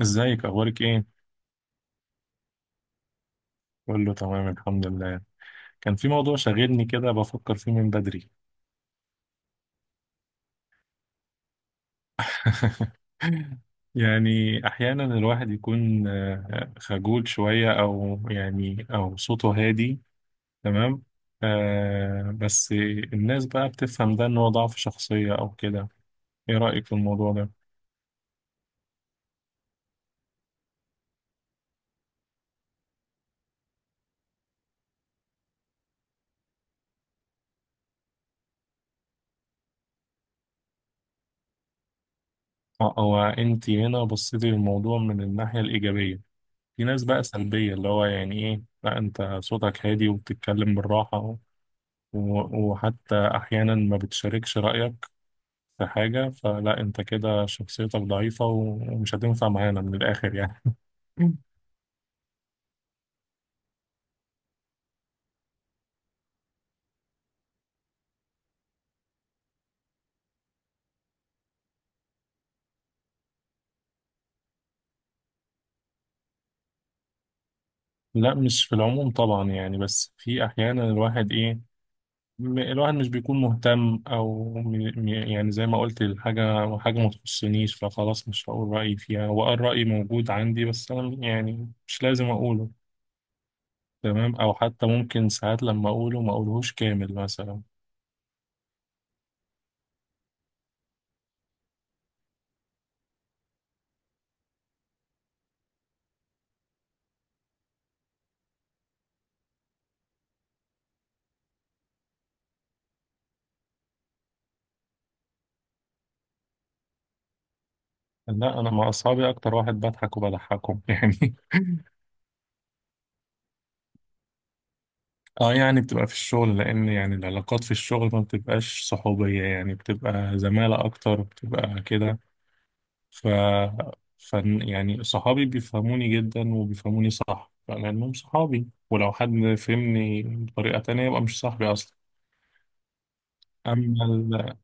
ازيك؟ اخبارك ايه؟ بقول له تمام، الحمد لله. كان في موضوع شاغلني كده بفكر فيه من بدري. يعني احيانا الواحد يكون خجول شوية، او صوته هادي. تمام. بس الناس بقى بتفهم ده ان هو ضعف شخصية او كده. ايه رأيك في الموضوع ده؟ او انت هنا بصيتي للموضوع من الناحية الإيجابية. في ناس بقى سلبية، اللي هو يعني ايه، لا انت صوتك هادي وبتتكلم بالراحة، وحتى أحيانا ما بتشاركش رأيك في حاجة، فلا أنت كده شخصيتك ضعيفة ومش هتنفع معانا من الآخر يعني. لا، مش في العموم طبعا، يعني بس في أحيانا الواحد إيه، الواحد مش بيكون مهتم، أو يعني زي ما قلت، الحاجة حاجة ما تخصنيش، فخلاص مش هقول رأيي فيها، وأه الرأي موجود عندي بس أنا يعني مش لازم أقوله. تمام، أو حتى ممكن ساعات لما أقوله ما أقولهوش كامل مثلا. لا، انا مع اصحابي اكتر واحد بضحك وبضحكهم يعني. اه، يعني بتبقى في الشغل، لان يعني العلاقات في الشغل ما بتبقاش صحوبية، يعني بتبقى زمالة اكتر، بتبقى كده. ف ف يعني صحابي بيفهموني جدا وبيفهموني صح لانهم صحابي، ولو حد فهمني بطريقة تانية يبقى مش صاحبي اصلا. اما ال...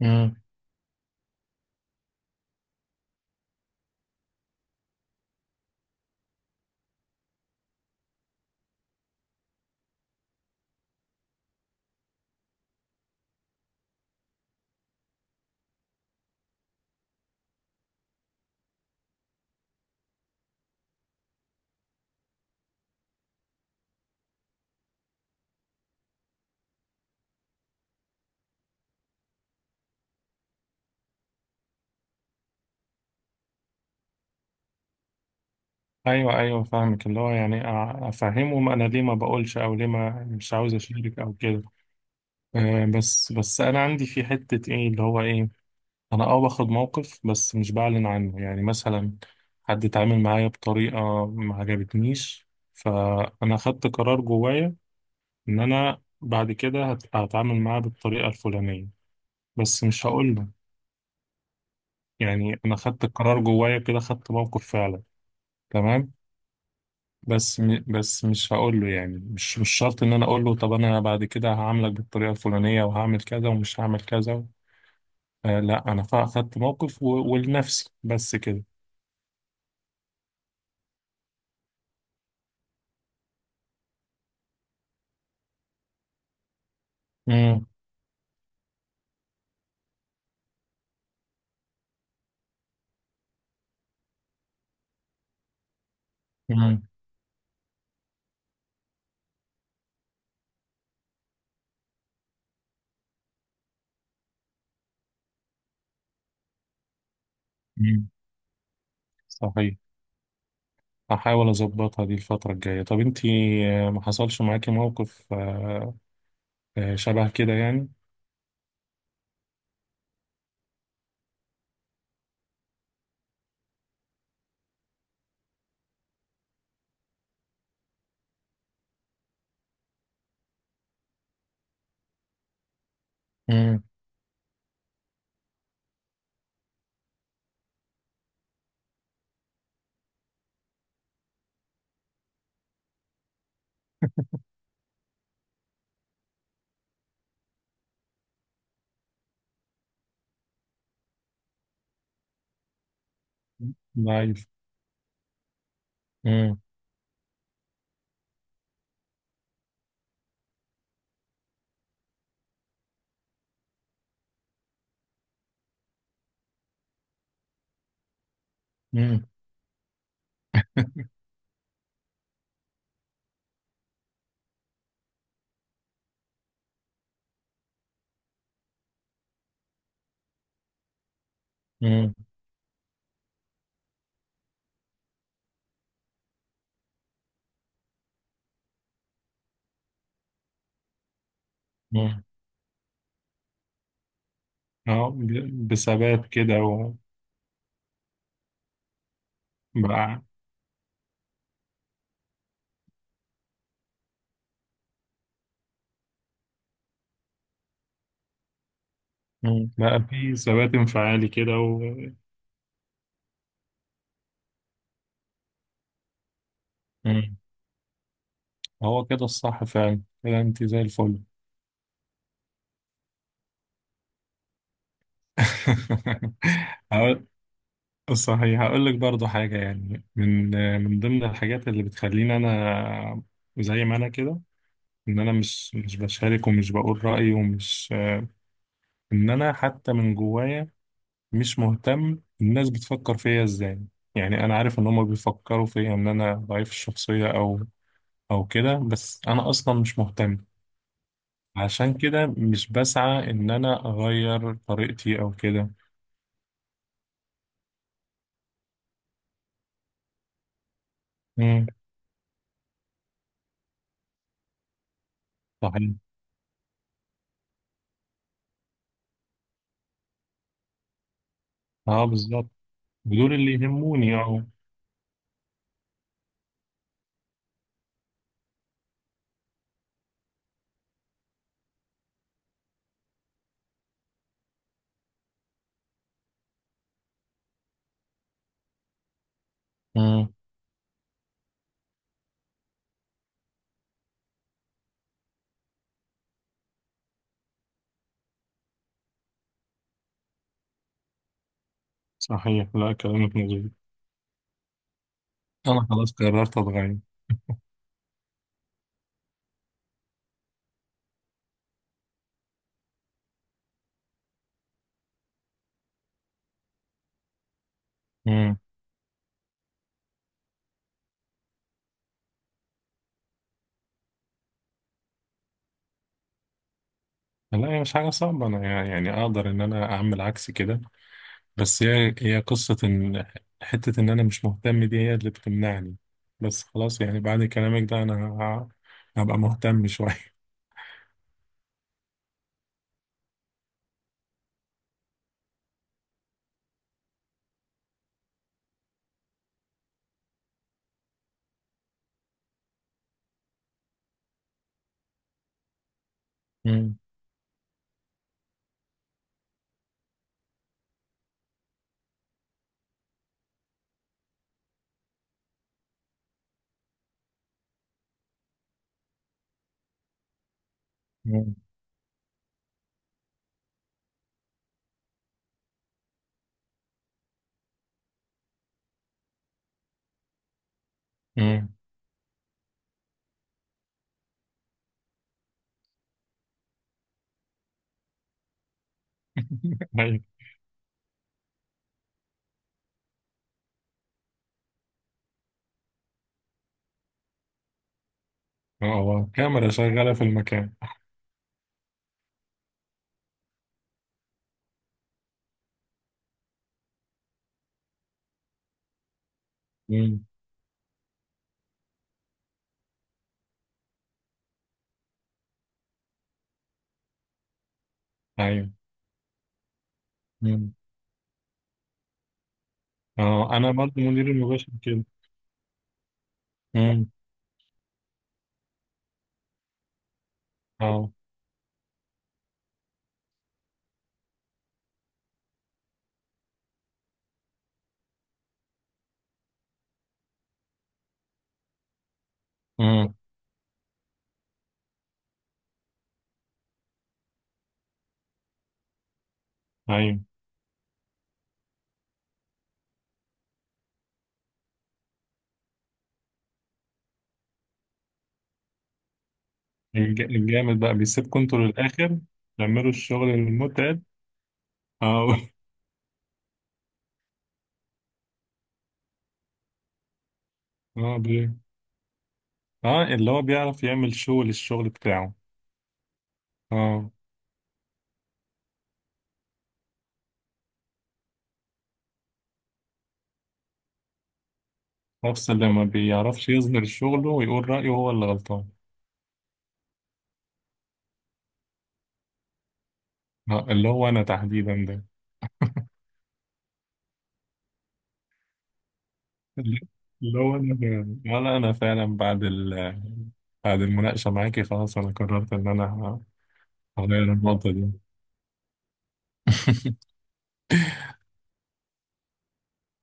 مم. ايوه، ايوه، فاهمك، اللي هو يعني افهمهم انا ليه ما بقولش، او ليه ما مش عاوز اشارك او كده. بس انا عندي في حتة ايه، اللي هو ايه، انا باخد موقف بس مش بعلن عنه، يعني مثلا حد اتعامل معايا بطريقة ما عجبتنيش، فانا خدت قرار جوايا ان انا بعد كده هتعامل معاه بالطريقة الفلانية، بس مش هقول له. يعني انا خدت القرار جوايا كده، خدت موقف فعلا. تمام. بس مش هقول له، يعني مش شرط ان انا اقول له طب انا بعد كده هعاملك بالطريقة الفلانية وهعمل كذا ومش هعمل كذا. لا، انا خدت موقف ولنفسي بس كده. امم. صحيح. هحاول اظبطها دي الفترة الجاية. طب انتي، ما حصلش معاكي موقف شبه كده يعني؟ امم. ضعيف. امم. امم. امم. امم. اه، بثبات كده. وبقى. امم. بقى في ثبات انفعالي كده و-. امم. هو كده الصح فعلا، كده انت زي الفل. هقول. صحيح، هقول لك برضو حاجة يعني من ضمن الحاجات اللي بتخليني انا زي ما انا كده، ان انا مش بشارك ومش بقول رأيي ومش، ان انا حتى من جوايا مش مهتم الناس بتفكر فيا ازاي. يعني انا عارف ان هم بيفكروا فيا ان انا ضعيف الشخصية او او كده، بس انا اصلا مش مهتم. عشان كده مش بسعى ان انا اغير طريقتي او كده. امم. صحيح. اه، بالظبط. دول اللي يهموني، اه. امم. صحيح، لا كلامك مظبوط. انا خلاص قررت اتغير. امم. لا، هي مش حاجة صعبة، أنا يعني أقدر إن أنا أعمل عكس كده، بس هي قصة إن حتة إن أنا مش مهتم دي هي اللي بتمنعني. بس خلاص، يعني بعد كلامك ده أنا هبقى مهتم شوية. مم. مم. مم. أيوة. أه آه. كاميرا شغالة في المكان. مم. أيوه. مم. أه، أنا برضه مدير المباشر كده. مم. أه. مم. أيوه. الجامد بقى بيسيبكم انتوا للآخر تعملوا الشغل المتعب. أه. أه، اللي هو بيعرف يعمل شو للشغل بتاعه. اه، نفس اللي ما بيعرفش يظهر شغله ويقول رأيه هو اللي غلطان. اللي هو أنا تحديدا ده. اللي اللي هو أنا، ولا أنا فعلا بعد المناقشة معاكي خلاص أنا قررت إن أنا هغير النقطة دي.